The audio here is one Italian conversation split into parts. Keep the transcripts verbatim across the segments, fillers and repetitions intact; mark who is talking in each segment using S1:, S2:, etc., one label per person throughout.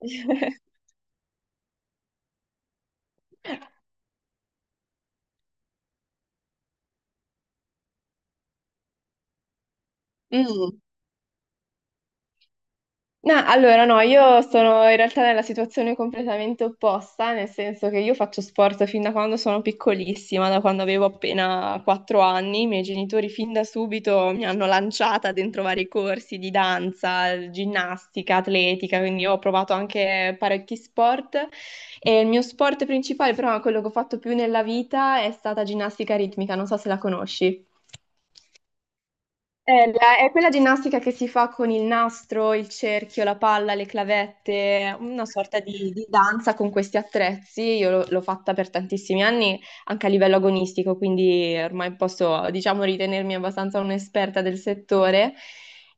S1: Mm. No, allora no, io sono in realtà nella situazione completamente opposta, nel senso che io faccio sport fin da quando sono piccolissima, da quando avevo appena quattro anni. I miei genitori fin da subito mi hanno lanciata dentro vari corsi di danza, ginnastica, atletica, quindi io ho provato anche parecchi sport e il mio sport principale, però quello che ho fatto più nella vita è stata ginnastica ritmica, non so se la conosci. È, la- è quella ginnastica che si fa con il nastro, il cerchio, la palla, le clavette, una sorta di, di danza con questi attrezzi. Io l'ho l'ho fatta per tantissimi anni, anche a livello agonistico, quindi ormai posso, diciamo, ritenermi abbastanza un'esperta del settore.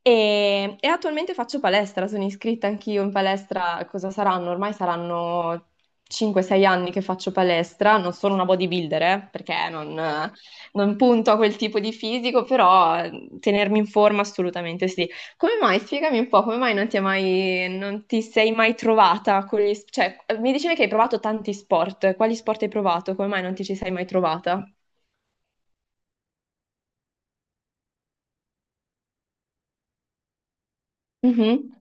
S1: E, e attualmente faccio palestra, sono iscritta anch'io in palestra. Cosa saranno? Ormai saranno cinque sei anni che faccio palestra, non sono una bodybuilder, eh, perché non, non punto a quel tipo di fisico, però eh, tenermi in forma assolutamente sì. Come mai? Spiegami un po', come mai non ti, è mai, non ti sei mai trovata con gli... Cioè, mi dicevi che hai provato tanti sport, quali sport hai provato? Come mai non ti ci sei mai trovata? Mhm.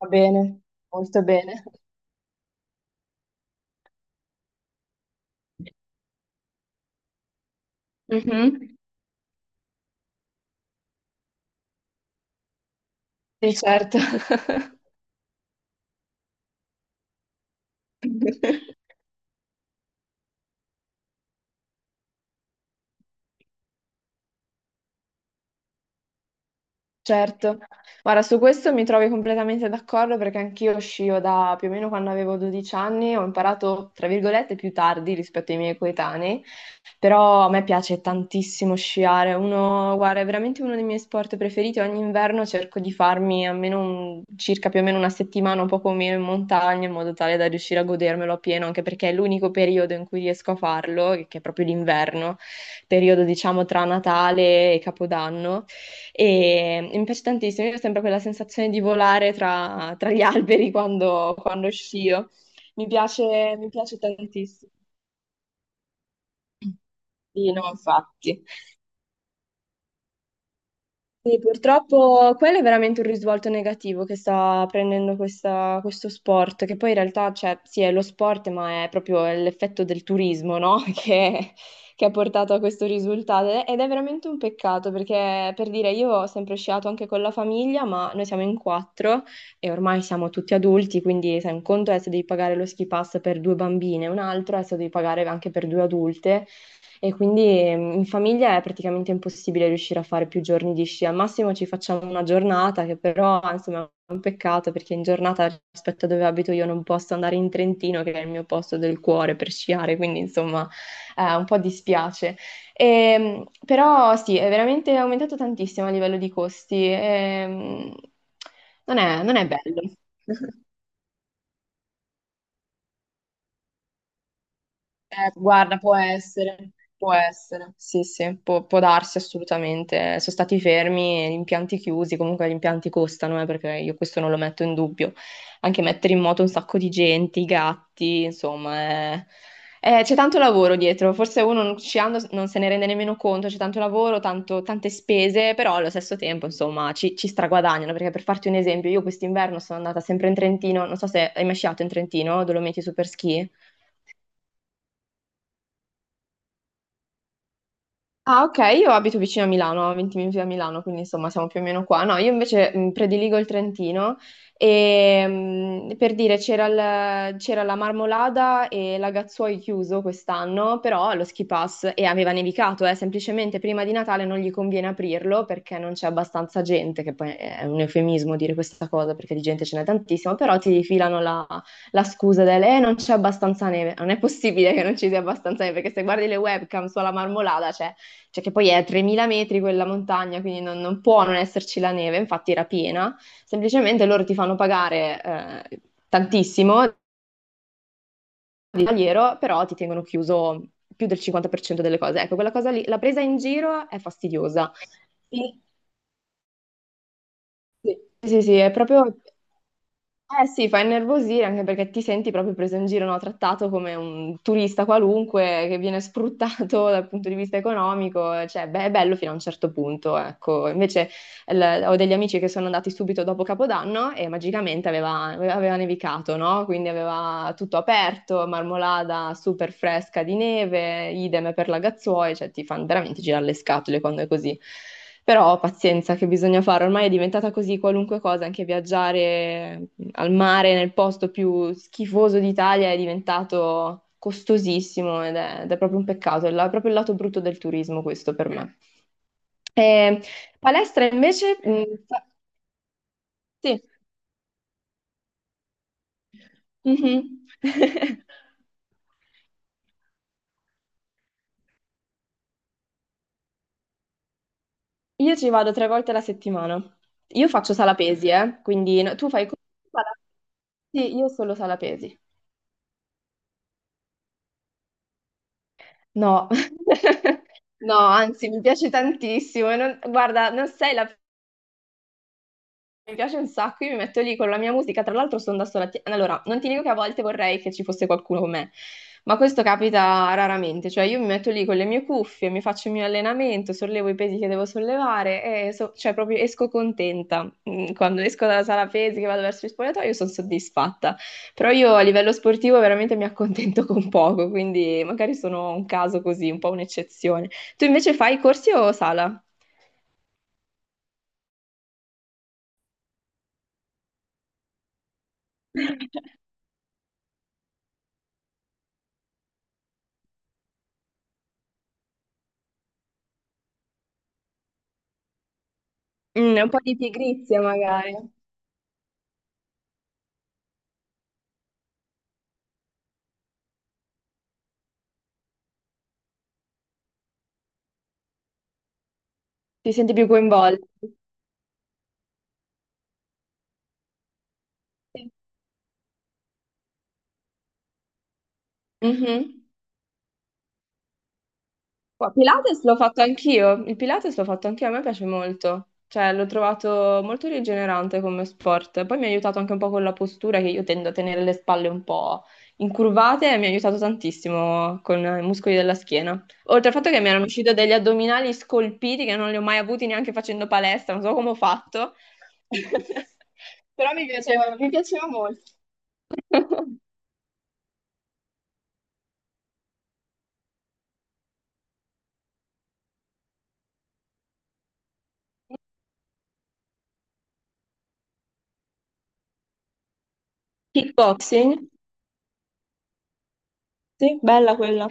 S1: Va bene, molto bene. Mhm. Sì, certo. Certo, guarda, su questo mi trovi completamente d'accordo perché anch'io scio da più o meno quando avevo dodici anni, ho imparato, tra virgolette, più tardi rispetto ai miei coetanei, però a me piace tantissimo sciare. Uno, guarda, è veramente uno dei miei sport preferiti, ogni inverno cerco di farmi almeno un- circa più o meno una settimana, un po' come in montagna, in modo tale da riuscire a godermelo appieno, anche perché è l'unico periodo in cui riesco a farlo, che è proprio l'inverno, periodo diciamo tra Natale e Capodanno. E mi piace tantissimo, io ho sempre quella sensazione di volare tra, tra gli alberi quando, quando scio. Mi piace, mi piace tantissimo. Sì, no, infatti. Sì, purtroppo quello è veramente un risvolto negativo che sta prendendo questa- questo sport, che poi in realtà, cioè, sì, è lo sport, ma è proprio l'effetto del turismo, no? Che, che ha portato a questo risultato. Ed è veramente un peccato, perché per dire, io ho sempre sciato anche con la famiglia, ma noi siamo in quattro e ormai siamo tutti adulti, quindi sai, un conto è se devi pagare lo ski pass per due bambine, un altro è se devi pagare anche per due adulte. E quindi ehm, in famiglia è praticamente impossibile riuscire a fare più giorni di sci. Al massimo ci facciamo una giornata, che però insomma è un peccato perché in giornata rispetto a dove abito io non posso andare in Trentino, che è il mio posto del cuore per sciare, quindi insomma eh, un po' dispiace. Ehm, però sì, è veramente aumentato tantissimo a livello di costi. Ehm, non è non è bello. Eh, guarda, può essere, può essere, sì, sì, può, può darsi assolutamente. Sono stati fermi, gli impianti chiusi, comunque gli impianti costano, eh, perché io questo non lo metto in dubbio. Anche mettere in moto un sacco di gente, i gatti, insomma, è- è- c'è tanto lavoro dietro, forse uno non- sciando non se ne rende nemmeno conto, c'è tanto lavoro, tanto- tante spese, però allo stesso tempo, insomma, ci, ci straguadagnano, perché per farti un esempio, io quest'inverno sono andata sempre in Trentino, non so se hai mai sciato in Trentino, Dolomiti Superski. Ah, ok, io abito vicino a Milano, a venti minuti da Milano, quindi insomma siamo più o meno qua. No, io invece mh, prediligo il Trentino e mh, per dire c'era il- c'era la Marmolada e Lagazzuoi chiuso quest'anno, però lo ski pass e aveva nevicato, eh, semplicemente prima di Natale non gli conviene aprirlo perché non c'è abbastanza gente, che poi è un eufemismo dire questa cosa perché di gente ce n'è tantissima, però ti filano la, la scusa del eh, non c'è abbastanza neve, non è possibile che non ci sia abbastanza neve perché se guardi le webcam sulla Marmolada, cioè cioè che poi è a tremila metri quella montagna, quindi non, non può non esserci la neve, infatti era piena, semplicemente loro ti fanno pagare eh, tantissimo di tagliero, però ti tengono chiuso più del cinquanta per cento delle cose. Ecco, quella cosa lì, la presa in giro è fastidiosa. Sì. Sì, sì, sì, è proprio... Eh sì, fa innervosire anche perché ti senti proprio preso in giro, no? Trattato come un turista qualunque che viene sfruttato dal punto di vista economico, cioè beh, è bello fino a un certo punto, ecco. Invece l- ho degli amici che sono andati subito dopo Capodanno e magicamente aveva, aveva nevicato, no? Quindi aveva tutto aperto, marmolada super fresca di neve, idem per la Gazzuoi, cioè ti fanno veramente girare le scatole quando è così. Però pazienza che bisogna fare, ormai è diventata così qualunque cosa, anche viaggiare al mare nel posto più schifoso d'Italia è diventato costosissimo ed è, ed è proprio un peccato, è la- proprio il lato brutto del turismo questo per me. Eh, palestra invece, mm, fa- sì, mhm. Io ci vado tre volte alla settimana. Io faccio sala pesi, eh, quindi no, tu fai co- sala- Sì, io solo sala pesi. No, no, anzi, mi piace tantissimo. e non- Guarda, non sei la Mi piace un sacco, io mi metto lì con la mia musica, tra l'altro sono da sola. Ti- Allora, non ti dico che a volte vorrei che ci fosse qualcuno con me, ma questo capita raramente, cioè io mi metto lì con le mie cuffie, mi faccio il mio allenamento, sollevo i pesi che devo sollevare e so- cioè proprio esco contenta. Mm, quando esco dalla sala pesi che vado verso il spogliatoio sono soddisfatta, però io a livello sportivo veramente mi accontento con poco, quindi magari sono un caso così, un po' un'eccezione. Tu invece fai corsi o sala? Mm, un po' di pigrizia magari. Ti senti più coinvolto? Sì. Mhm. Qua- Pilates l'ho fatto anch'io, il Pilates l'ho fatto anch'io, a me piace molto, cioè l'ho trovato molto rigenerante come sport, poi mi ha aiutato anche un po' con la postura che io tendo a tenere le spalle un po' incurvate e mi ha aiutato tantissimo con i muscoli della schiena. Oltre al fatto che mi erano usciti degli addominali scolpiti che non li ho mai avuti neanche facendo palestra, non so come ho fatto, però mi piaceva, mi piaceva molto. Kickboxing? Sì, bella quella.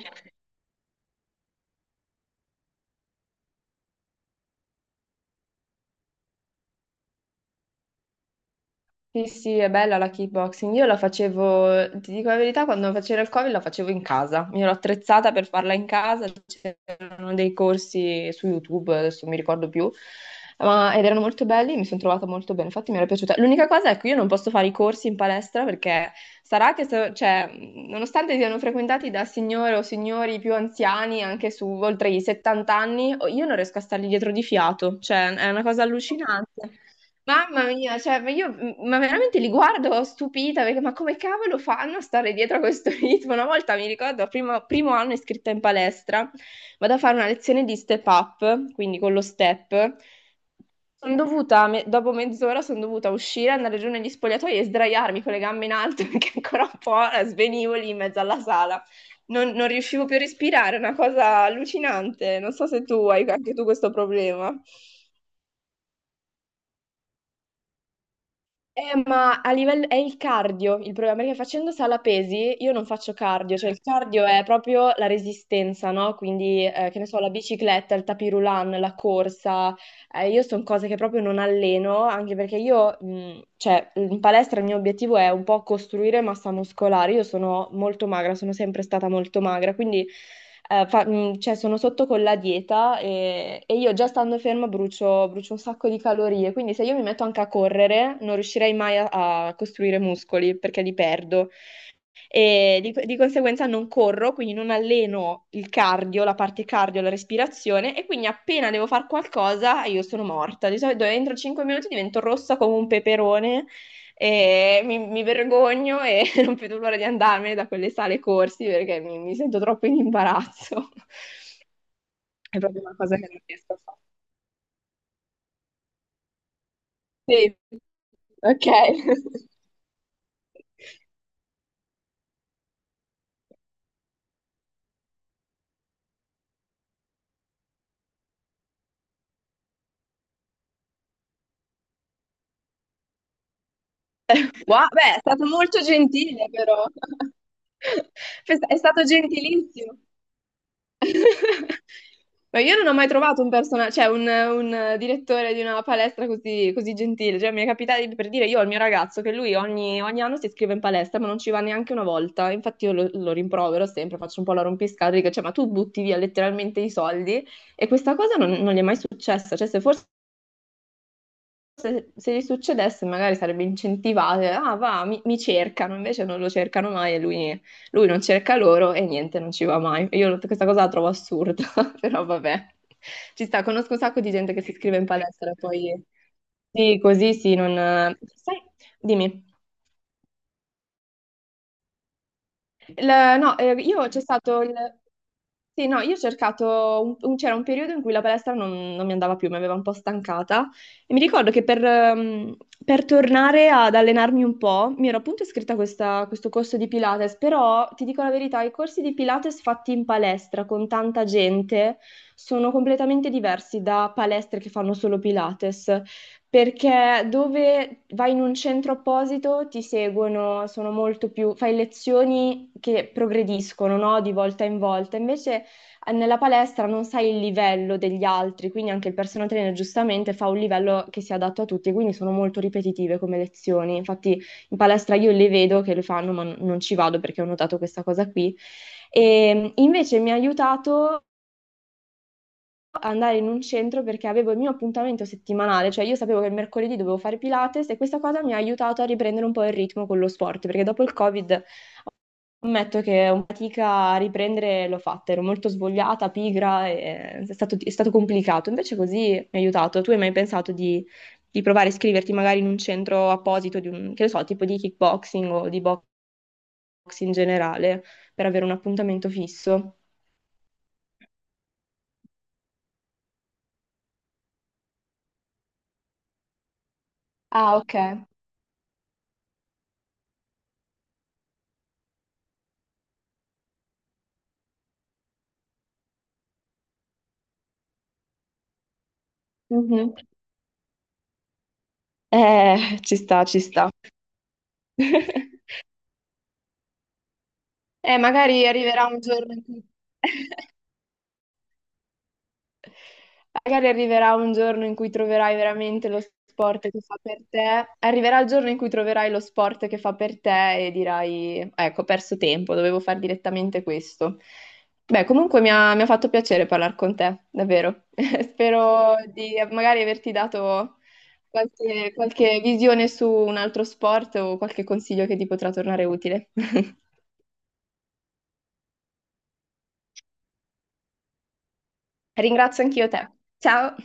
S1: Sì, sì, è bella la kickboxing. Io la facevo, ti dico la verità, quando facevo il Covid la facevo in casa. Mi ero attrezzata per farla in casa, c'erano dei corsi su YouTube, adesso non mi ricordo più, ma, ed erano molto belli, mi sono trovata molto bene, infatti mi era piaciuta. L'unica cosa è che io non posso fare i corsi in palestra perché sarà che, se- cioè, nonostante siano frequentati da signore o signori più anziani, anche su oltre i settanta anni, io non riesco a stargli dietro di fiato, cioè è una cosa allucinante. Mamma mia, cioè, ma io m- ma veramente li guardo stupita perché ma come cavolo fanno a stare dietro a questo ritmo? Una volta mi ricordo, primo, primo anno iscritta in palestra, vado a fare una lezione di step up, quindi con lo step. Sono dovuta, me- dopo mezz'ora sono dovuta uscire, andare giù negli spogliatoi e sdraiarmi con le gambe in alto perché ancora un po' eh, svenivo lì in mezzo alla sala. Non, non riuscivo più a respirare, è una cosa allucinante. Non so se tu hai anche tu questo problema. Eh, ma a livello è il cardio il problema, perché facendo sala pesi io non faccio cardio, cioè il cardio è proprio la resistenza, no? Quindi, eh, che ne so, la bicicletta, il tapis roulant, la corsa, eh, io sono cose che proprio non alleno, anche perché io, mh, cioè, in palestra il mio obiettivo è un po' costruire massa muscolare. Io sono molto magra, sono sempre stata molto magra, quindi eh, fa- mh, cioè, sono sotto con la dieta e, e io già stando ferma brucio, brucio un sacco di calorie. Quindi se io mi metto anche a correre, non riuscirei mai a a costruire muscoli perché li perdo e di, di conseguenza non corro, quindi non alleno il cardio, la parte cardio, la respirazione e quindi appena devo fare qualcosa io sono morta. Di solito entro cinque minuti divento rossa come un peperone e mi, mi vergogno e non vedo l'ora di andarmene da quelle sale corsi perché mi, mi sento troppo in imbarazzo. È proprio una cosa che non riesco a fare. Sì, ok. Wow, beh, è stato molto gentile però. È stato gentilissimo. Ma io non ho mai trovato un personaggio, cioè un, un, direttore di una palestra così, così gentile. Cioè, mi è capitato di- per dire io al mio ragazzo che lui ogni, ogni anno si iscrive in palestra, ma non ci va neanche una volta. Infatti, io lo, lo rimprovero sempre, faccio un po' la rompiscatole, dico, cioè, ma tu butti via letteralmente i soldi. E questa cosa non, non gli è mai successa. Cioè, se forse se, se gli succedesse magari sarebbe incentivata, ah va, mi, mi cercano, invece non lo cercano mai e lui, lui non cerca loro e niente, non ci va mai. Io lo- questa cosa la trovo assurda, però vabbè. Ci sta, conosco un sacco di gente che si iscrive in palestra e poi... Sì, così sì, non... Sai, dimmi. Il- no, eh, io c'è stato il... Sì, no, io ho cercato, un- un- c'era un periodo in cui la palestra non, non mi andava più, mi aveva un po' stancata e mi ricordo che per, ehm, per tornare ad allenarmi un po' mi ero appunto iscritta a questa- questo corso di Pilates, però ti dico la verità, i corsi di Pilates fatti in palestra con tanta gente sono completamente diversi da palestre che fanno solo Pilates perché dove vai in un centro apposito ti seguono, sono molto più, fai lezioni che progrediscono, no? Di volta in volta. Invece eh, nella palestra non sai il livello degli altri, quindi anche il personal trainer giustamente fa un livello che sia adatto a tutti, quindi sono molto ripetitive come lezioni. Infatti in palestra io le vedo che le fanno, ma non ci vado perché ho notato questa cosa qui. E invece mi ha aiutato andare in un centro perché avevo il mio appuntamento settimanale, cioè io sapevo che il mercoledì dovevo fare Pilates e questa cosa mi ha aiutato a riprendere un po' il ritmo con lo sport, perché dopo il Covid ammetto che ho fatica a riprendere, l'ho fatta, ero molto svogliata, pigra, e eh, è stato, è stato complicato, invece così mi ha aiutato. Tu hai mai pensato di, di provare a iscriverti magari in un centro apposito, di un, che ne so, tipo di kickboxing o di box in generale, per avere un appuntamento fisso? Ah, ok. Mhm. Eh, ci sta, ci sta. Eh, magari arriverà un giorno in cui, magari arriverà un giorno in cui troverai veramente lo sport che fa per te. Arriverà il giorno in cui troverai lo sport che fa per te e dirai, ecco, ho perso tempo, dovevo fare direttamente questo. Beh, comunque mi ha, mi ha fatto piacere parlare con te, davvero. Spero di magari averti dato qualche, qualche visione su un altro sport o qualche consiglio che ti potrà tornare utile. Ringrazio anch'io te. Ciao!